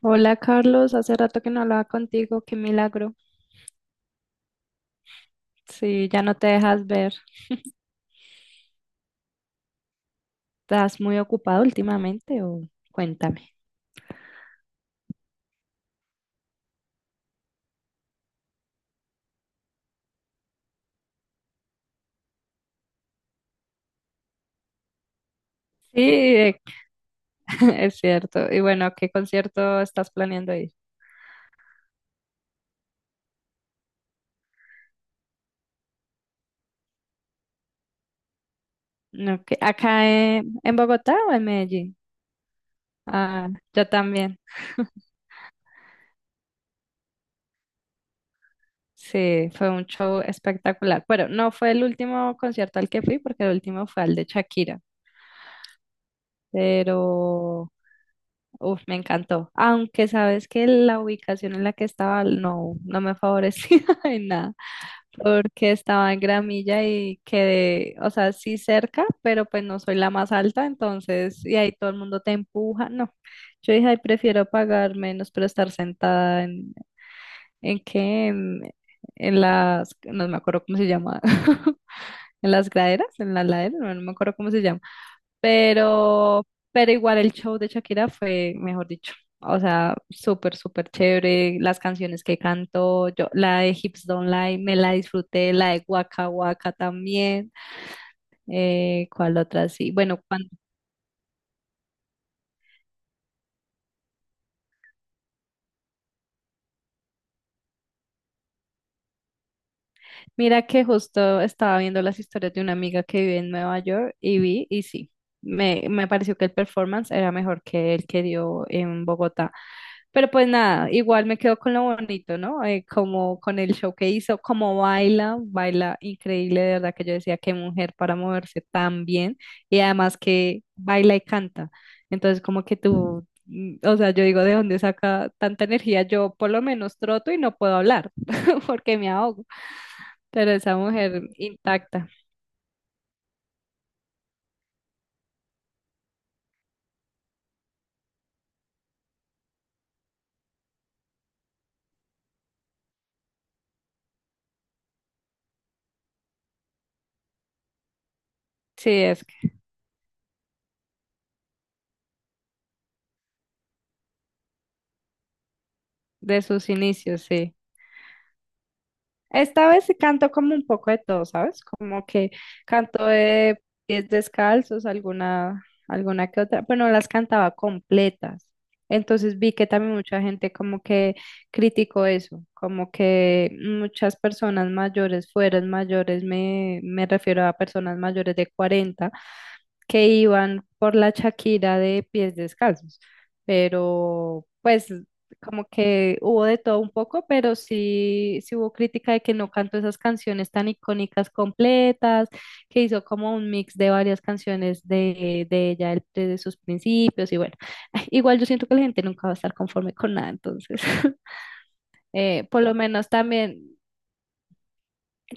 Hola Carlos, hace rato que no hablaba contigo, qué milagro. Sí, ya no te dejas ver. ¿Estás muy ocupado últimamente o cuéntame? Sí, es cierto. Y bueno, ¿a ¿qué concierto estás planeando ir? No, ¿acá en Bogotá o en Medellín? Ah, yo también. Sí, fue un show espectacular. Bueno, no fue el último concierto al que fui porque el último fue al de Shakira, pero uf, me encantó. Aunque sabes que la ubicación en la que estaba no me favorecía en nada, porque estaba en gramilla y quedé, o sea, sí cerca, pero pues no soy la más alta, entonces, y ahí todo el mundo te empuja. No, yo dije, ay, prefiero pagar menos, pero estar sentada ¿en qué? En las, no me acuerdo cómo se llama, en las graderas, en la ladera, no, no me acuerdo cómo se llama. Pero, pero igual el show de Shakira fue, mejor dicho, o sea, súper, súper chévere. Las canciones que cantó, yo, la de Hips Don't Lie, me la disfruté, la de Waka Waka también. ¿Cuál otra? Sí, bueno, mira que justo estaba viendo las historias de una amiga que vive en Nueva York y vi, y sí, me pareció que el performance era mejor que el que dio en Bogotá. Pero pues nada, igual me quedo con lo bonito, ¿no? Como con el show que hizo, como baila, baila increíble, de verdad que yo decía qué mujer para moverse tan bien y además que baila y canta. Entonces como que tú, o sea, yo digo, ¿de dónde saca tanta energía? Yo por lo menos troto y no puedo hablar porque me ahogo. Pero esa mujer intacta. Sí, es que de sus inicios, sí. Esta vez sí canto como un poco de todo, ¿sabes? Como que canto de pies descalzos, alguna que otra, pero no las cantaba completas. Entonces vi que también mucha gente como que criticó eso, como que muchas personas mayores, fueras mayores, me refiero a personas mayores de 40 que iban por la Shakira de pies descalzos, pero pues como que hubo de todo un poco, pero sí, sí hubo crítica de que no cantó esas canciones tan icónicas completas, que hizo como un mix de varias canciones de ella desde sus principios y bueno, ay, igual yo siento que la gente nunca va a estar conforme con nada, entonces Por lo menos también...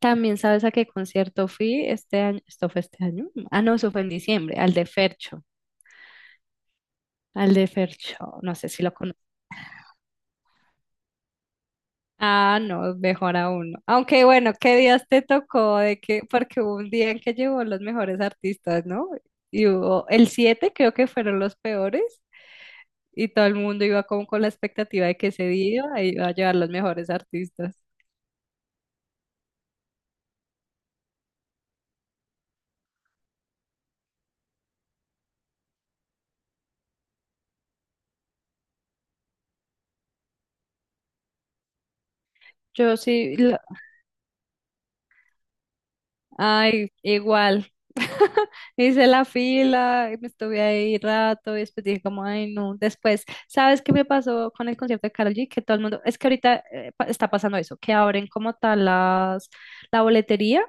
También sabes a qué concierto fui este año, esto fue este año, ah no, eso fue en diciembre, al de Fercho. Al de Fer Show, no sé si lo conozco. Ah, no, mejor aún. No. Aunque bueno, ¿qué días te tocó? De que, porque hubo un día en que llevó los mejores artistas, ¿no? Y hubo el 7, creo que fueron los peores, y todo el mundo iba como con la expectativa de que ese día iba a llevar los mejores artistas. Yo sí, ay, igual. Hice la fila, y me estuve ahí rato y después dije como, ay, no. Después, ¿sabes qué me pasó con el concierto de Karol G? Que todo el mundo, es que ahorita está pasando eso, que abren como tal la boletería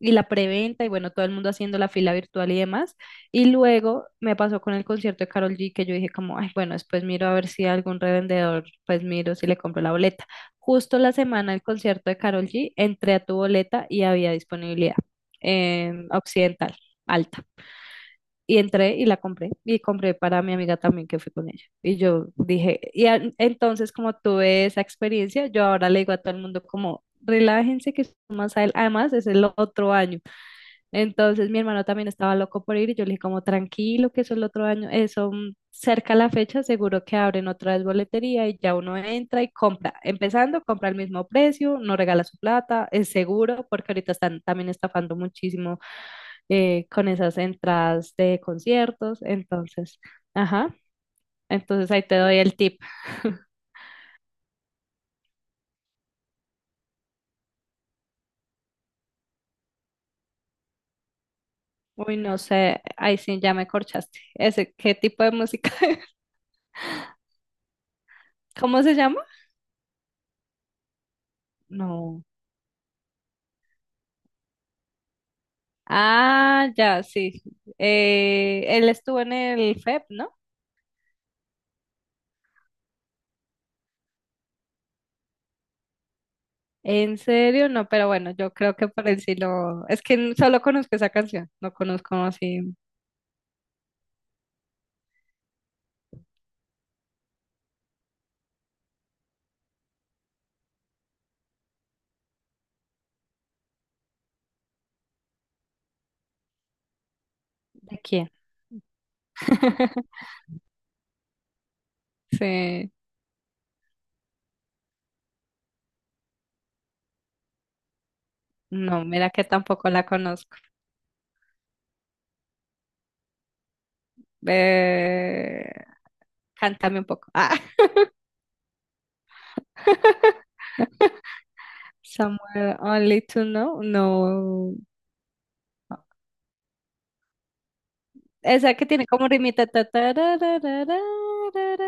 y la preventa y bueno, todo el mundo haciendo la fila virtual y demás. Y luego me pasó con el concierto de Karol G que yo dije como, ay, bueno, después miro a ver si algún revendedor, pues miro si le compro la boleta. Justo la semana del concierto de Karol G, entré a tu boleta y había disponibilidad en Occidental, alta. Y entré y la compré. Y compré para mi amiga también que fui con ella. Y yo dije, entonces como tuve esa experiencia, yo ahora le digo a todo el mundo como, relájense que es más además, es el otro año. Entonces mi hermano también estaba loco por ir y yo le dije como tranquilo que eso el otro año, eso cerca a la fecha seguro que abren otra vez boletería y ya uno entra y compra, empezando, compra al mismo precio, no regala su plata, es seguro porque ahorita están también estafando muchísimo con esas entradas de conciertos, entonces, ajá, entonces ahí te doy el tip. Uy, no sé, ahí sí ya me corchaste. Ese, ¿qué tipo de música? ¿Cómo se llama? No. Ah, ya, sí. Él estuvo en el FEP, ¿no? En serio, no, pero bueno, yo creo que por el sí lo... Es que solo conozco esa canción, no conozco así de quién. Sí, no, mira que tampoco la conozco. Eh, Cántame un poco. Ah, Somewhere Only to Know, no. Esa que tiene como rimita, ta, ta, ra, ra, ra, ra, ra, ra,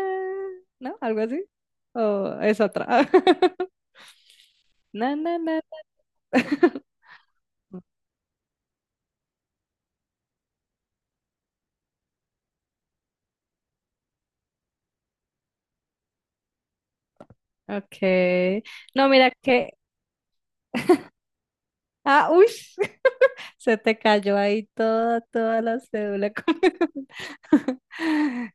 ¿no? Algo así. O es otra. Na, na, na, na. Okay. No, mira que. Ah, uy. Se te cayó ahí toda, toda la cédula.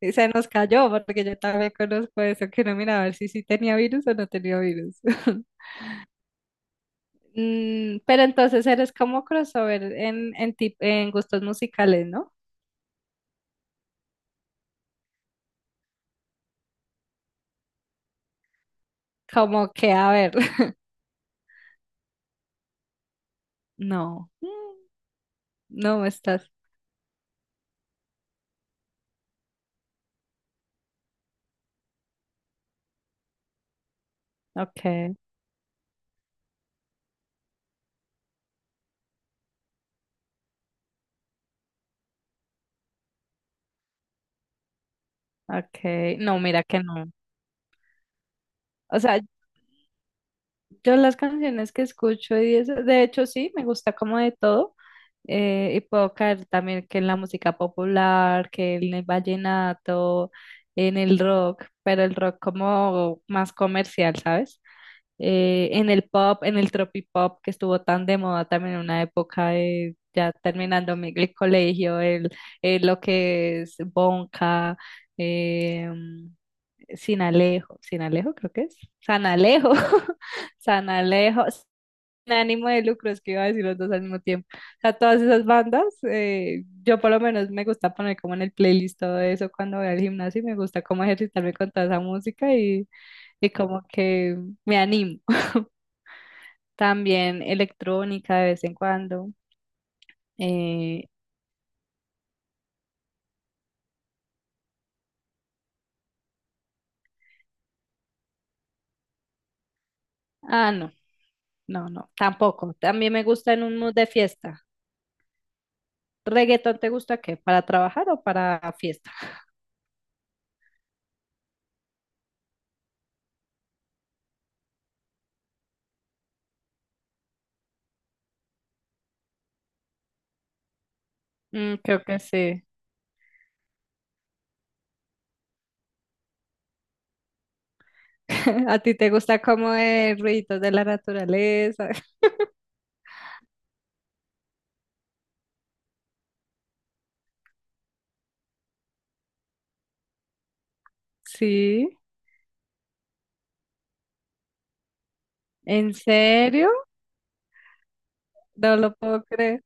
Y se nos cayó, porque yo también conozco eso, que no mira a ver si sí tenía virus o no tenía virus. Pero entonces eres como crossover en gustos musicales, ¿no? Como que, a ver, no, no estás. Okay, okay. No, mira que no. O sea, yo las canciones que escucho y eso, de hecho sí, me gusta como de todo. Y puedo caer también que en la música popular, que en el vallenato, en el rock, pero el rock como más comercial, ¿sabes? En el pop, en el tropipop que estuvo tan de moda también en una época de ya terminando el colegio, el, lo que es Bonka, eh, Sin Alejo, Sin Alejo creo que es, San Alejo, San Alejo, Sin Ánimo de Lucro, es que iba a decir los dos al mismo tiempo. O sea, todas esas bandas, yo por lo menos me gusta poner como en el playlist todo eso cuando voy al gimnasio y me gusta como ejercitarme con toda esa música y como que me animo. También electrónica de vez en cuando. Eh, ah, no, no, no, tampoco. También me gusta en un mood de fiesta. ¿Reggaetón te gusta qué? ¿Para trabajar o para fiesta? Creo que sí. ¿A ti te gusta como de ruidos de la naturaleza? Sí. ¿En serio? No lo puedo creer.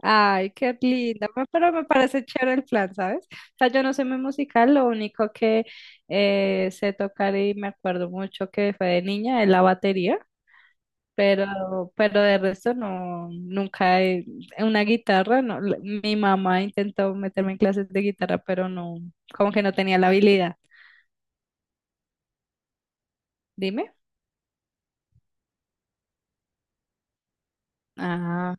Ay, qué linda, pero me parece chévere el plan, ¿sabes? O sea, yo no sé muy musical, lo único que sé tocar y me acuerdo mucho que fue de niña es la batería. Pero de resto no, nunca he, una guitarra, no. Mi mamá intentó meterme en clases de guitarra, pero no, como que no tenía la habilidad. Dime. Ah,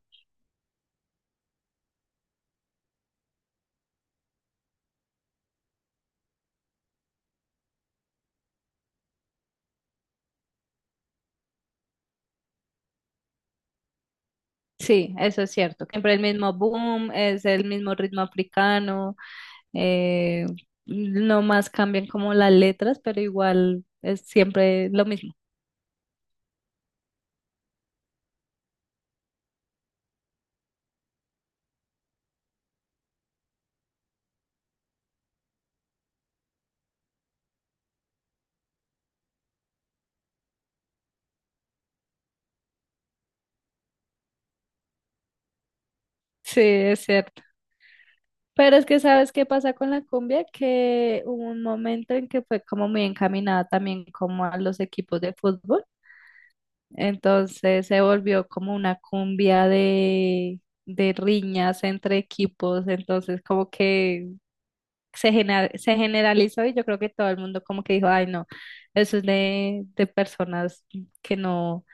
sí, eso es cierto. Siempre el mismo boom, es el mismo ritmo africano, eh, no más cambian como las letras, pero igual es siempre lo mismo. Sí, es cierto. Pero es que sabes qué pasa con la cumbia, que hubo un momento en que fue como muy encaminada también como a los equipos de fútbol. Entonces se volvió como una cumbia de riñas entre equipos, entonces como que se generalizó y yo creo que todo el mundo como que dijo, ay no, eso es de personas que no,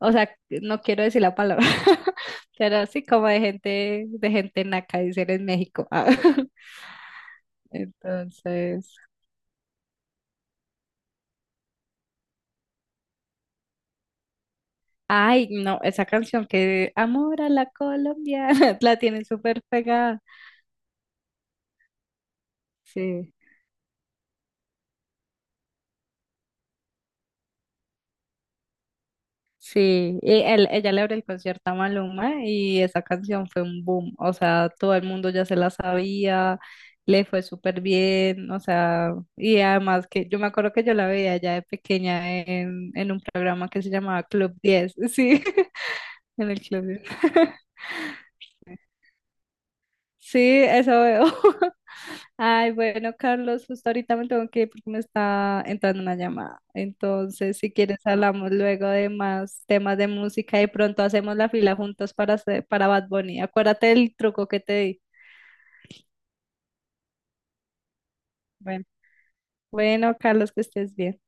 o sea, no quiero decir la palabra, pero así como de gente naca, dicen en México. Ah, Entonces, ay no, esa canción que Amor a la Colombia, la tienen súper pegada. Sí. Sí, ella le abre el concierto a Maluma y esa canción fue un boom, o sea, todo el mundo ya se la sabía, le fue súper bien, o sea, y además que yo me acuerdo que yo la veía ya de pequeña en un programa que se llamaba Club 10, sí, en el Club 10. Sí, eso veo. Ay, bueno, Carlos, justo ahorita me tengo que ir porque me está entrando una llamada. Entonces, si quieres, hablamos luego de más temas de música y pronto hacemos la fila juntos para para Bad Bunny. Acuérdate del truco que te di. Bueno. Bueno, Carlos, que estés bien.